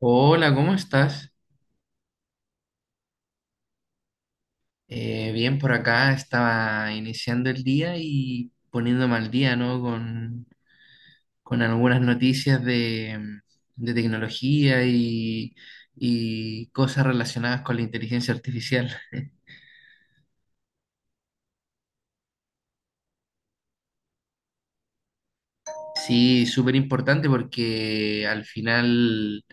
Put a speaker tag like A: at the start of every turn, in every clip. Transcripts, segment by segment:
A: Hola, ¿cómo estás? Bien, por acá estaba iniciando el día y poniéndome al día, ¿no? Con algunas noticias de tecnología y cosas relacionadas con la inteligencia artificial. Sí, súper importante porque al final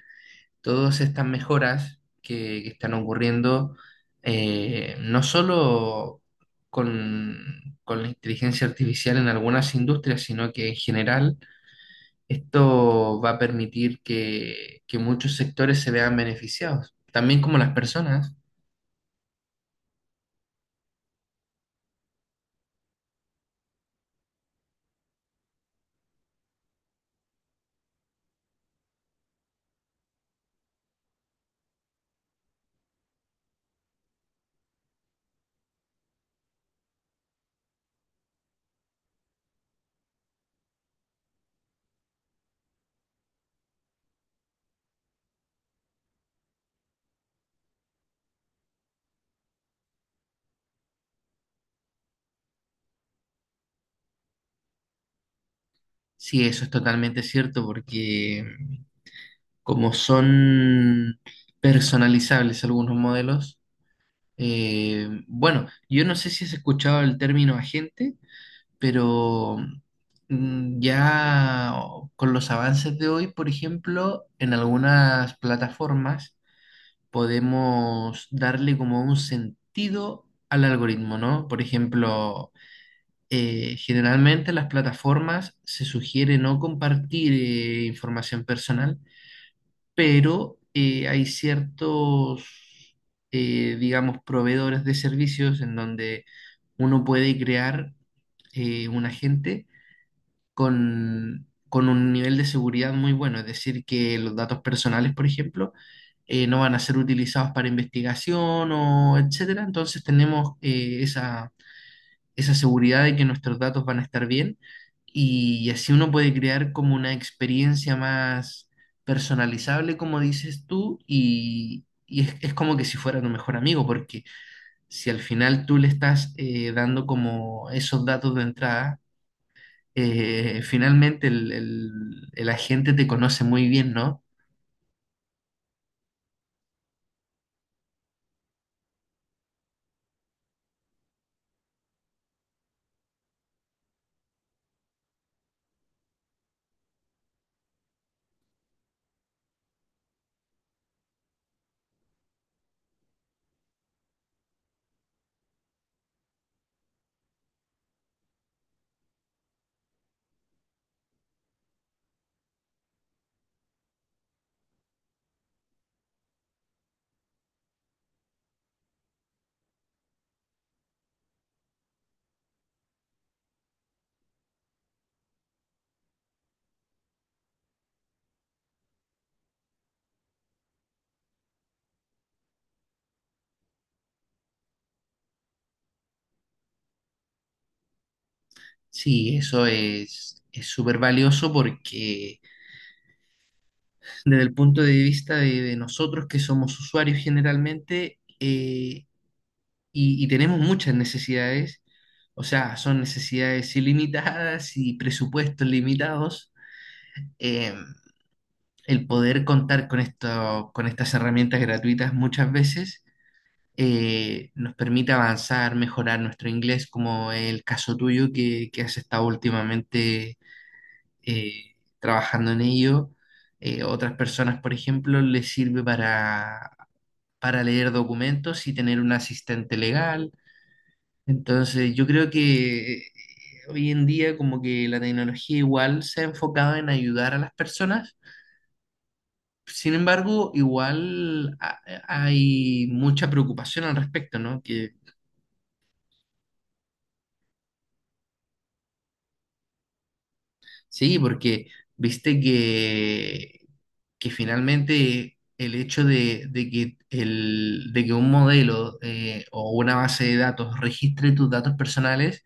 A: todas estas mejoras que están ocurriendo, no solo con la inteligencia artificial en algunas industrias, sino que en general esto va a permitir que muchos sectores se vean beneficiados, también como las personas. Sí, eso es totalmente cierto, porque, como son personalizables algunos modelos, bueno, yo no sé si has escuchado el término agente. Pero, ya con los avances de hoy, por ejemplo, en algunas plataformas podemos darle como un sentido al algoritmo, ¿no? Por ejemplo, generalmente las plataformas se sugiere no compartir información personal, pero hay ciertos, digamos, proveedores de servicios en donde uno puede crear un agente con un nivel de seguridad muy bueno. Es decir, que los datos personales, por ejemplo, no van a ser utilizados para investigación o etcétera. Entonces tenemos, esa seguridad de que nuestros datos van a estar bien y así uno puede crear como una experiencia más personalizable, como dices tú, y, es como que si fuera tu mejor amigo, porque si al final tú le estás, dando como esos datos de entrada, finalmente el agente te conoce muy bien, ¿no? Sí, eso es súper valioso porque desde el punto de vista de nosotros que somos usuarios generalmente, y tenemos muchas necesidades, o sea, son necesidades ilimitadas y presupuestos limitados, eh, el poder contar con esto, con estas herramientas gratuitas muchas veces nos permite avanzar, mejorar nuestro inglés, como el caso tuyo que has estado últimamente, eh, trabajando en ello. Otras personas, por ejemplo, les sirve para leer documentos y tener un asistente legal. Entonces, yo creo que, hoy en día como que la tecnología igual se ha enfocado en ayudar a las personas. Sin embargo, igual hay mucha preocupación al respecto, ¿no? Que... Sí, porque viste que finalmente el hecho de que, de que un modelo, o una base de datos registre tus datos personales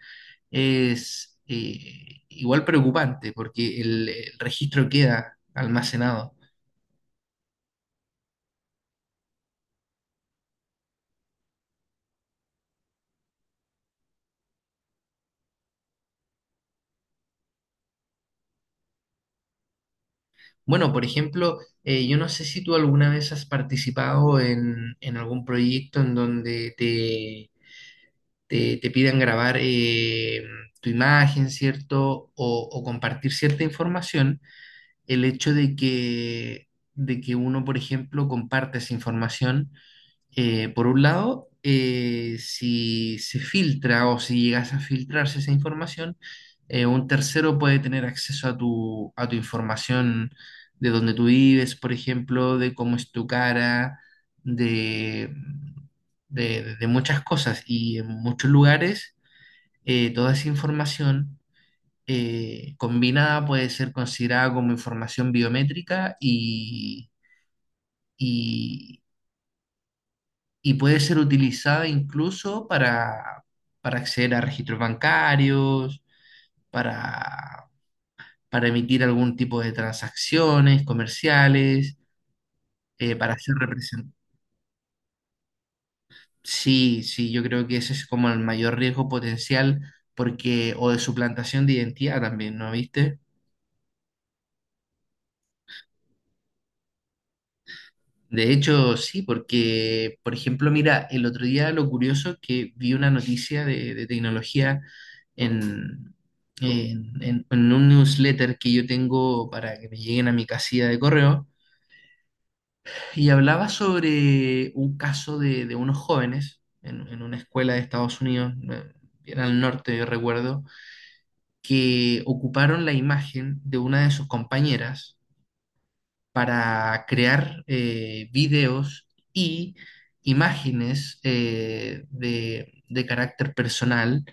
A: es, igual preocupante porque el registro queda almacenado. Bueno, por ejemplo, yo no sé si tú alguna vez has participado en algún proyecto en donde te pidan grabar, tu imagen, ¿cierto? O compartir cierta información, el hecho de que uno, por ejemplo, comparte esa información, por un lado, si se filtra o si llegas a filtrarse esa información, un tercero puede tener acceso a tu información de dónde tú vives, por ejemplo, de cómo es tu cara, de, de muchas cosas. Y en muchos lugares, toda esa información, combinada puede ser considerada como información biométrica y puede ser utilizada incluso para acceder a registros bancarios, para, para emitir algún tipo de transacciones comerciales, para ser representados. Sí, sí, yo creo que ese es como el mayor riesgo potencial porque, o de suplantación de identidad también, ¿no viste? De hecho, sí, porque, por ejemplo, mira, el otro día lo curioso que vi una noticia de tecnología en, en un newsletter que yo tengo para que me lleguen a mi casilla de correo, y hablaba sobre un caso de unos jóvenes en una escuela de Estados Unidos, bien al norte, yo recuerdo, que ocuparon la imagen de una de sus compañeras para crear, videos y imágenes, de carácter personal,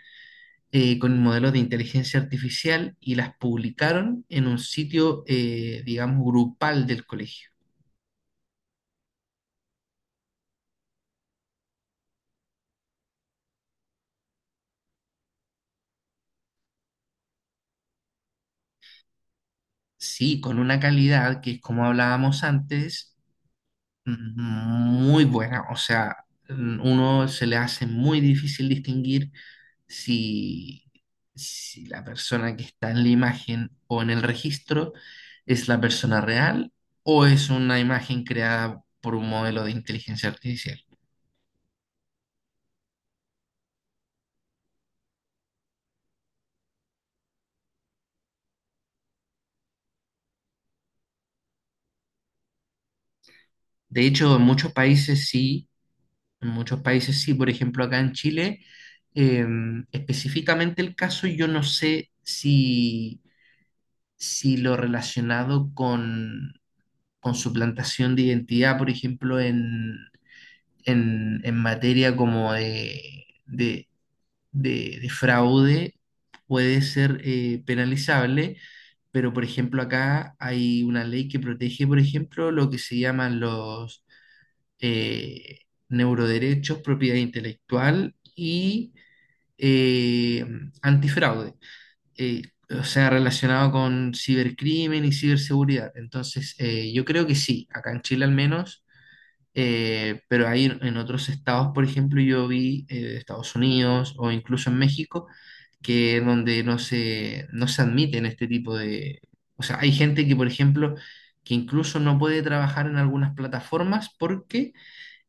A: con modelos de inteligencia artificial y las publicaron en un sitio, digamos, grupal del colegio. Sí, con una calidad que es como hablábamos antes, mm, muy buena, o sea, mm, uno se le hace muy difícil distinguir si, si la persona que está en la imagen o en el registro es la persona real o es una imagen creada por un modelo de inteligencia artificial. De hecho, en muchos países sí, en muchos países sí, por ejemplo, acá en Chile, eh, específicamente el caso, yo no sé si, si lo relacionado con su plantación de identidad, por ejemplo, en materia como de de fraude, puede ser, penalizable, pero por ejemplo acá hay una ley que protege, por ejemplo, lo que se llaman los, eh, neuroderechos, propiedad intelectual y, eh, antifraude. Eh, o sea, relacionado con cibercrimen y ciberseguridad. Entonces, yo creo que sí, acá en Chile al menos, pero ahí en otros estados, por ejemplo, yo vi, Estados Unidos o incluso en México, que donde no se admiten este tipo de... O sea, hay gente que, por ejemplo, que incluso no puede trabajar en algunas plataformas porque,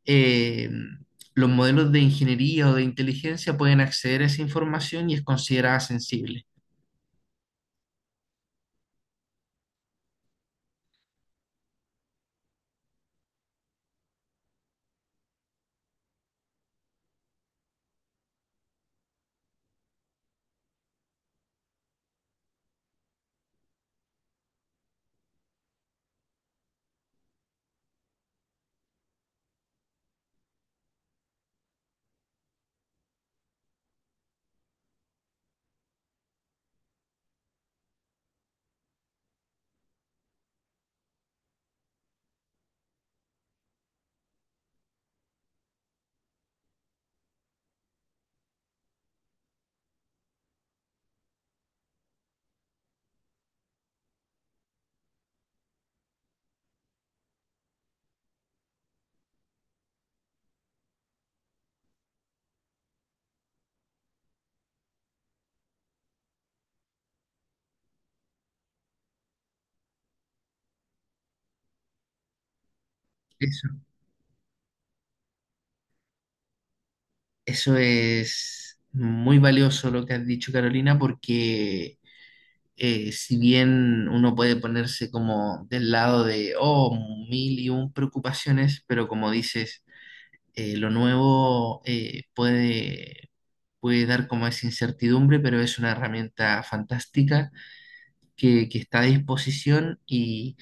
A: eh, los modelos de ingeniería o de inteligencia pueden acceder a esa información y es considerada sensible. Eso, eso es muy valioso lo que has dicho, Carolina, porque, si bien uno puede ponerse como del lado de, oh, mil y un preocupaciones, pero como dices, lo nuevo, puede dar como esa incertidumbre, pero es una herramienta fantástica que está a disposición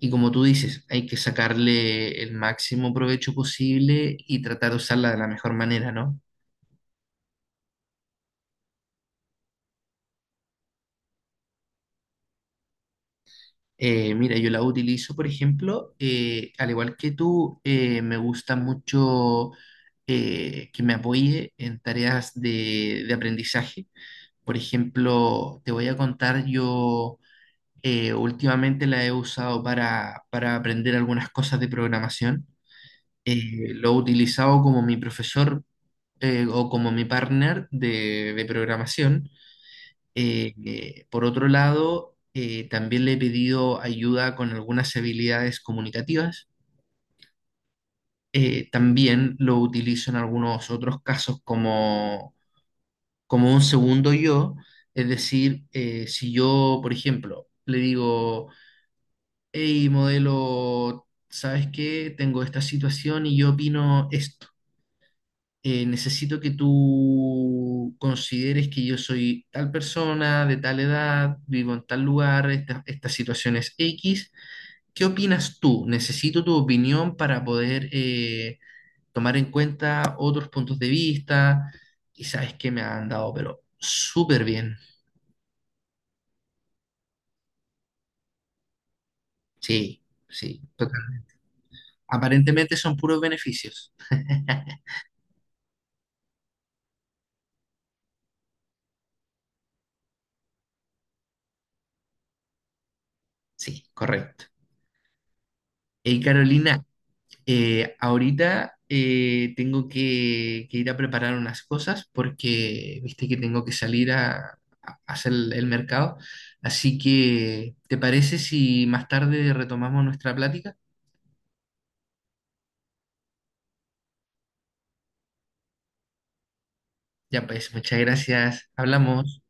A: y como tú dices, hay que sacarle el máximo provecho posible y tratar de usarla de la mejor manera, ¿no? Mira, yo la utilizo, por ejemplo, al igual que tú, me gusta mucho que me apoye en tareas de aprendizaje. Por ejemplo, te voy a contar, yo, últimamente la he usado para aprender algunas cosas de programación. Lo he utilizado como mi profesor, o como mi partner de programación. Por otro lado, también le he pedido ayuda con algunas habilidades comunicativas. También lo utilizo en algunos otros casos como, como un segundo yo. Es decir, si yo, por ejemplo, le digo, hey, modelo, ¿sabes qué? Tengo esta situación y yo opino esto, necesito que tú consideres que yo soy tal persona, de tal edad, vivo en tal lugar, esta situación es X. ¿Qué opinas tú? Necesito tu opinión para poder, tomar en cuenta otros puntos de vista. Y sabes que me han dado, pero súper bien. Sí, sí, total. Aparentemente son puros beneficios. Sí, correcto. Hey, Carolina. Ahorita, tengo que ir a preparar unas cosas porque viste que tengo que salir a hacer el mercado. Así que, ¿te parece si más tarde retomamos nuestra plática? Ya pues, muchas gracias. Hablamos.